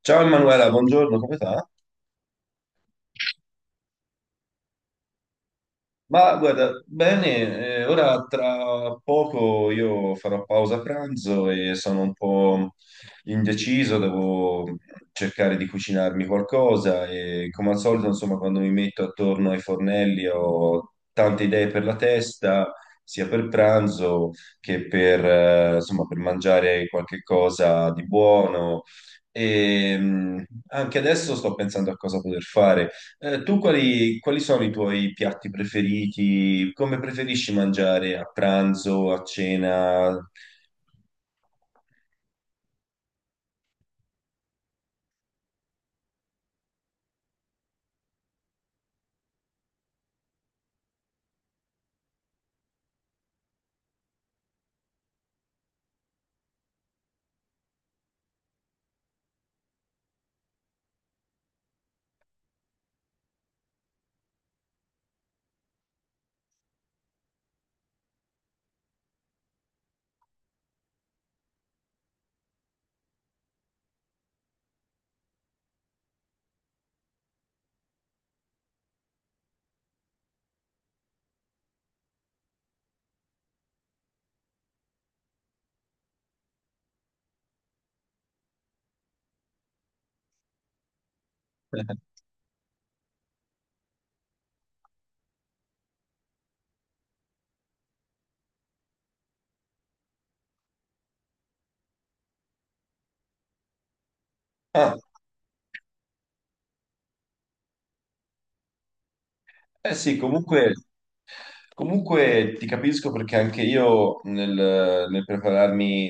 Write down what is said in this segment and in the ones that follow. Ciao Emanuela, buongiorno, come sta? Ma guarda, bene, ora tra poco io farò pausa pranzo e sono un po' indeciso, devo cercare di cucinarmi qualcosa e come al solito, insomma, quando mi metto attorno ai fornelli ho tante idee per la testa, sia per pranzo che per, insomma, per mangiare qualche cosa di buono. E anche adesso sto pensando a cosa poter fare. Tu quali sono i tuoi piatti preferiti? Come preferisci mangiare a pranzo, a cena? Ah, eh sì, comunque. Comunque ti capisco perché anche io nel prepararmi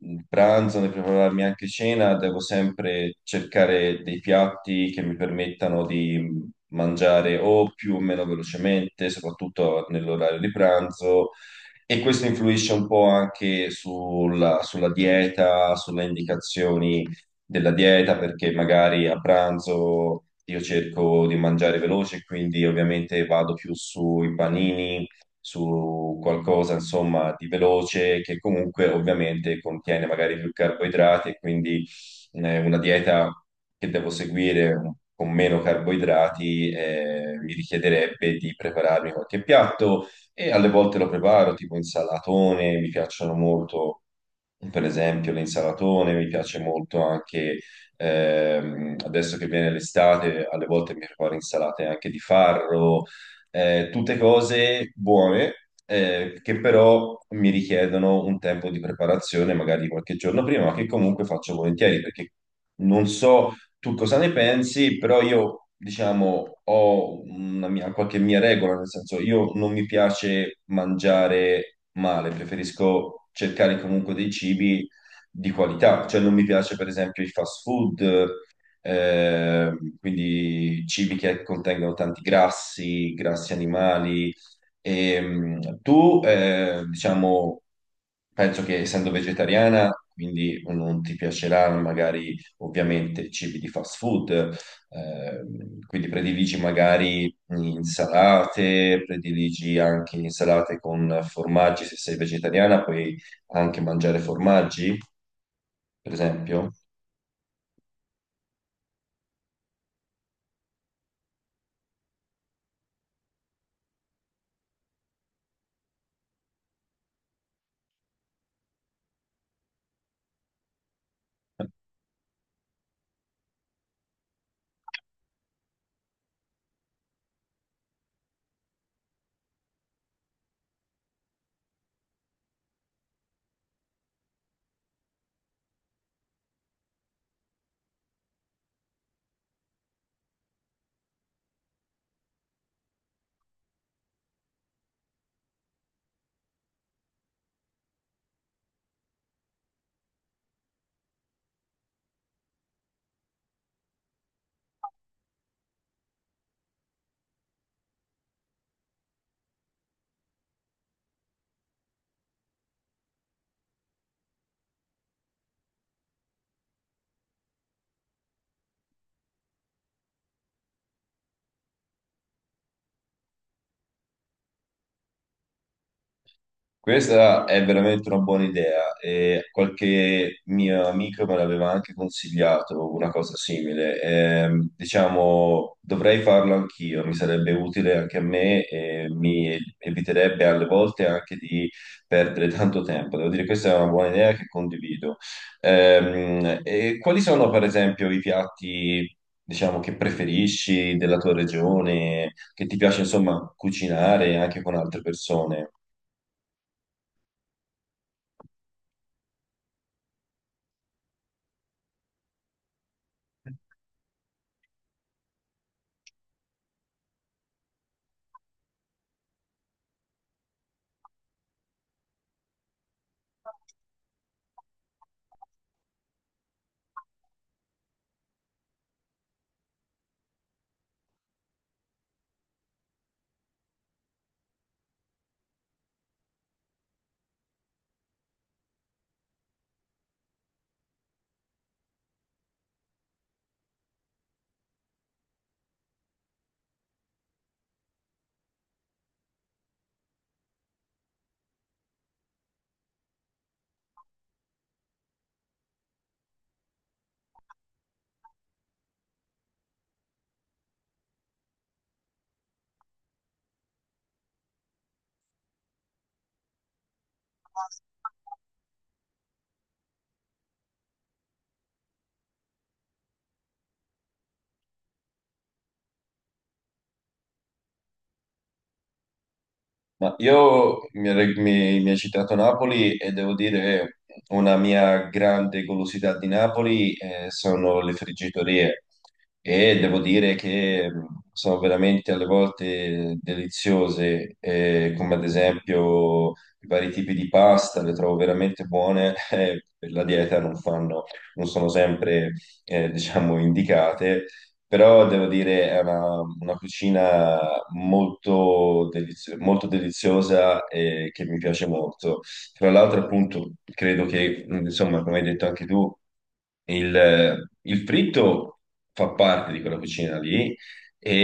il pranzo, nel prepararmi anche cena, devo sempre cercare dei piatti che mi permettano di mangiare o più o meno velocemente, soprattutto nell'orario di pranzo. E questo influisce un po' anche sulla dieta, sulle indicazioni della dieta perché magari a pranzo io cerco di mangiare veloce, quindi ovviamente vado più sui panini, su qualcosa insomma di veloce che comunque ovviamente contiene magari più carboidrati e quindi una dieta che devo seguire con meno carboidrati mi richiederebbe di prepararmi qualche piatto e alle volte lo preparo tipo insalatone, mi piacciono molto, per esempio, l'insalatone, mi piace molto anche adesso che viene l'estate, alle volte mi preparo insalate anche di farro, tutte cose buone che però mi richiedono un tempo di preparazione, magari qualche giorno prima, ma che comunque faccio volentieri perché non so tu cosa ne pensi, però io, diciamo, ho una mia, qualche mia regola, nel senso io non mi piace mangiare male, preferisco cercare comunque dei cibi di qualità, cioè non mi piace per esempio il fast food, eh, quindi cibi che contengono tanti grassi, grassi animali. E, tu, diciamo, penso che essendo vegetariana, quindi non ti piacerà magari ovviamente cibi di fast food, quindi prediligi magari insalate, prediligi anche insalate con formaggi, se sei vegetariana puoi anche mangiare formaggi, per esempio. Questa è veramente una buona idea e qualche mio amico me l'aveva anche consigliato una cosa simile. Diciamo, dovrei farlo anch'io, mi sarebbe utile anche a me e mi eviterebbe alle volte anche di perdere tanto tempo. Devo dire, questa è una buona idea che condivido. E quali sono, per esempio, i piatti, diciamo, che preferisci della tua regione, che ti piace, insomma, cucinare anche con altre persone? Ma io mi hai citato Napoli e devo dire una mia grande golosità di Napoli sono le friggitorie e devo dire che sono veramente alle volte deliziose, come ad esempio i vari tipi di pasta, le trovo veramente buone, per la dieta non fanno, non sono sempre diciamo indicate però devo dire è una cucina molto, molto deliziosa e che mi piace molto. Tra l'altro, appunto, credo che, insomma, come hai detto anche tu, il fritto fa parte di quella cucina lì e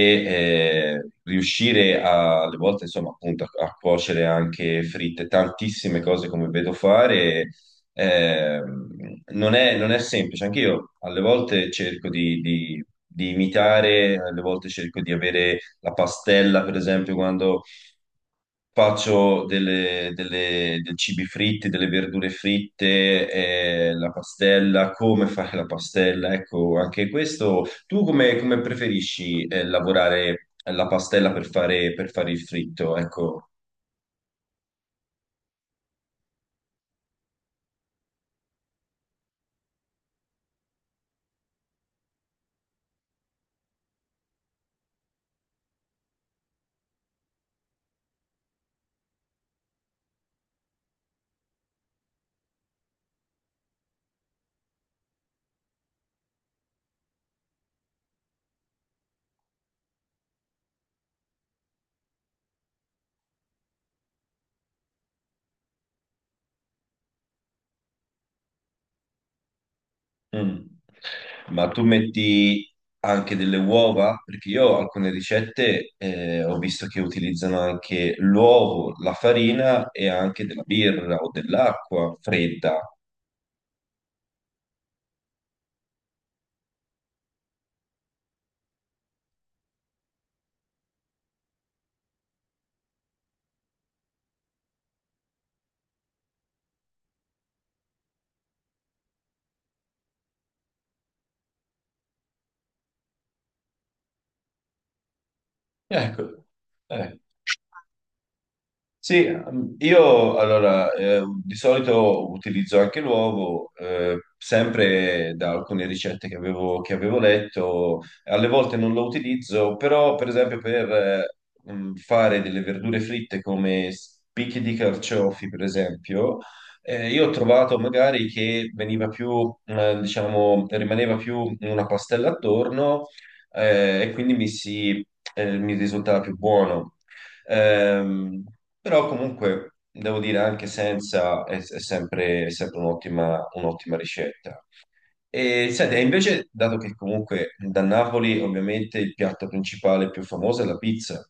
riuscire a, alle volte, insomma, appunto, a, a cuocere anche fritte, tantissime cose come vedo fare eh, non è, non è semplice, anche io alle volte cerco di imitare, alle volte cerco di avere la pastella, per esempio, quando faccio dei cibi fritti, delle verdure fritte, la pastella, come fare la pastella, ecco, anche questo. Tu come, come preferisci, lavorare la pastella per fare il fritto? Ecco. Mm. Ma tu metti anche delle uova? Perché io alcune ricette ho visto che utilizzano anche l'uovo, la farina e anche della birra o dell'acqua fredda. Ecco, ecco. Sì, io allora di solito utilizzo anche l'uovo, sempre da alcune ricette che avevo letto, alle volte non lo utilizzo, però per esempio per fare delle verdure fritte come spicchi di carciofi, per esempio, io ho trovato magari che veniva più, diciamo, rimaneva più una pastella attorno e quindi mi si, mi risultava più buono. Ehm, però comunque devo dire anche senza è, è sempre un'ottima ricetta. E senti, e invece, dato che comunque da Napoli ovviamente il piatto principale più famoso è la pizza,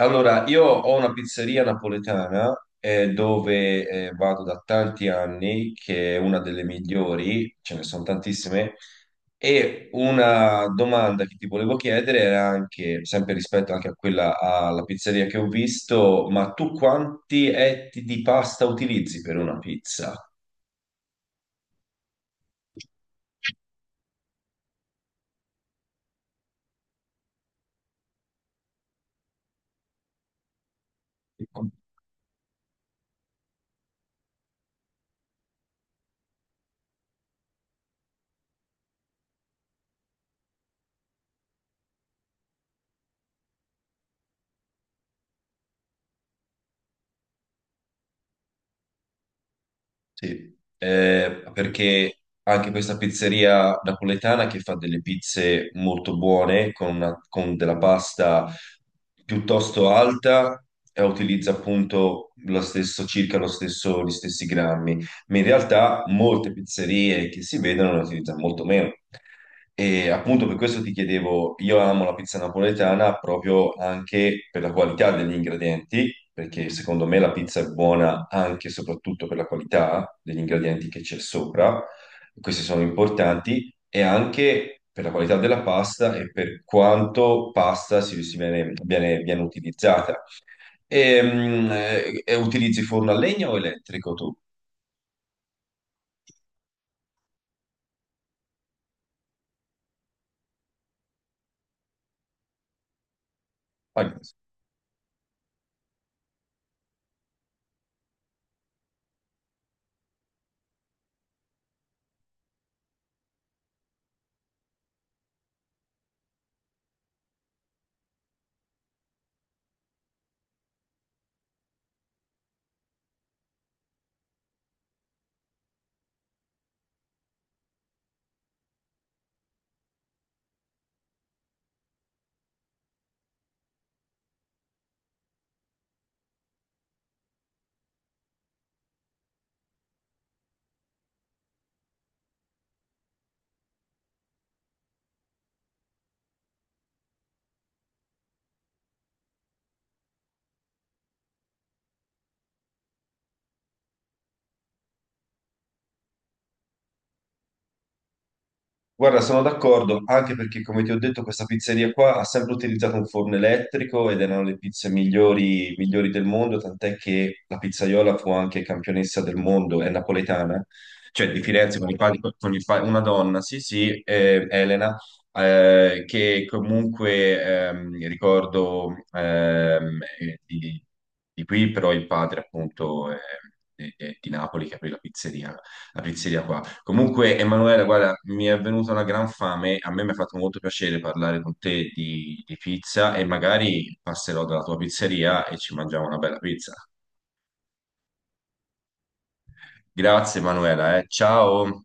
allora, io ho una pizzeria napoletana dove vado da tanti anni, che è una delle migliori, ce ne sono tantissime, e una domanda che ti volevo chiedere era anche, sempre rispetto anche a quella alla pizzeria che ho visto, ma tu quanti etti di pasta utilizzi per una pizza? Sì, perché anche questa pizzeria napoletana che fa delle pizze molto buone con, con della pasta piuttosto alta e utilizza appunto lo stesso, circa lo stesso, gli stessi grammi, ma in realtà molte pizzerie che si vedono ne utilizzano molto meno. E appunto per questo ti chiedevo, io amo la pizza napoletana proprio anche per la qualità degli ingredienti, perché secondo me la pizza è buona anche e soprattutto per la qualità degli ingredienti che c'è sopra, questi sono importanti, e anche per la qualità della pasta e per quanto pasta si, si viene, viene utilizzata. E, utilizzi forno a legna o elettrico tu? Guarda, sono d'accordo, anche perché come ti ho detto questa pizzeria qua ha sempre utilizzato un forno elettrico ed erano le pizze migliori, migliori del mondo, tant'è che la pizzaiola fu anche campionessa del mondo, è napoletana, cioè di Firenze con i una donna, sì sì, Elena, che comunque ricordo di qui, però il padre appunto di Napoli che aprì la pizzeria qua. Comunque, Emanuele, guarda, mi è venuta una gran fame. A me mi ha fatto molto piacere parlare con te di pizza e magari passerò dalla tua pizzeria e ci mangiamo una bella pizza. Grazie, Emanuela, eh. Ciao.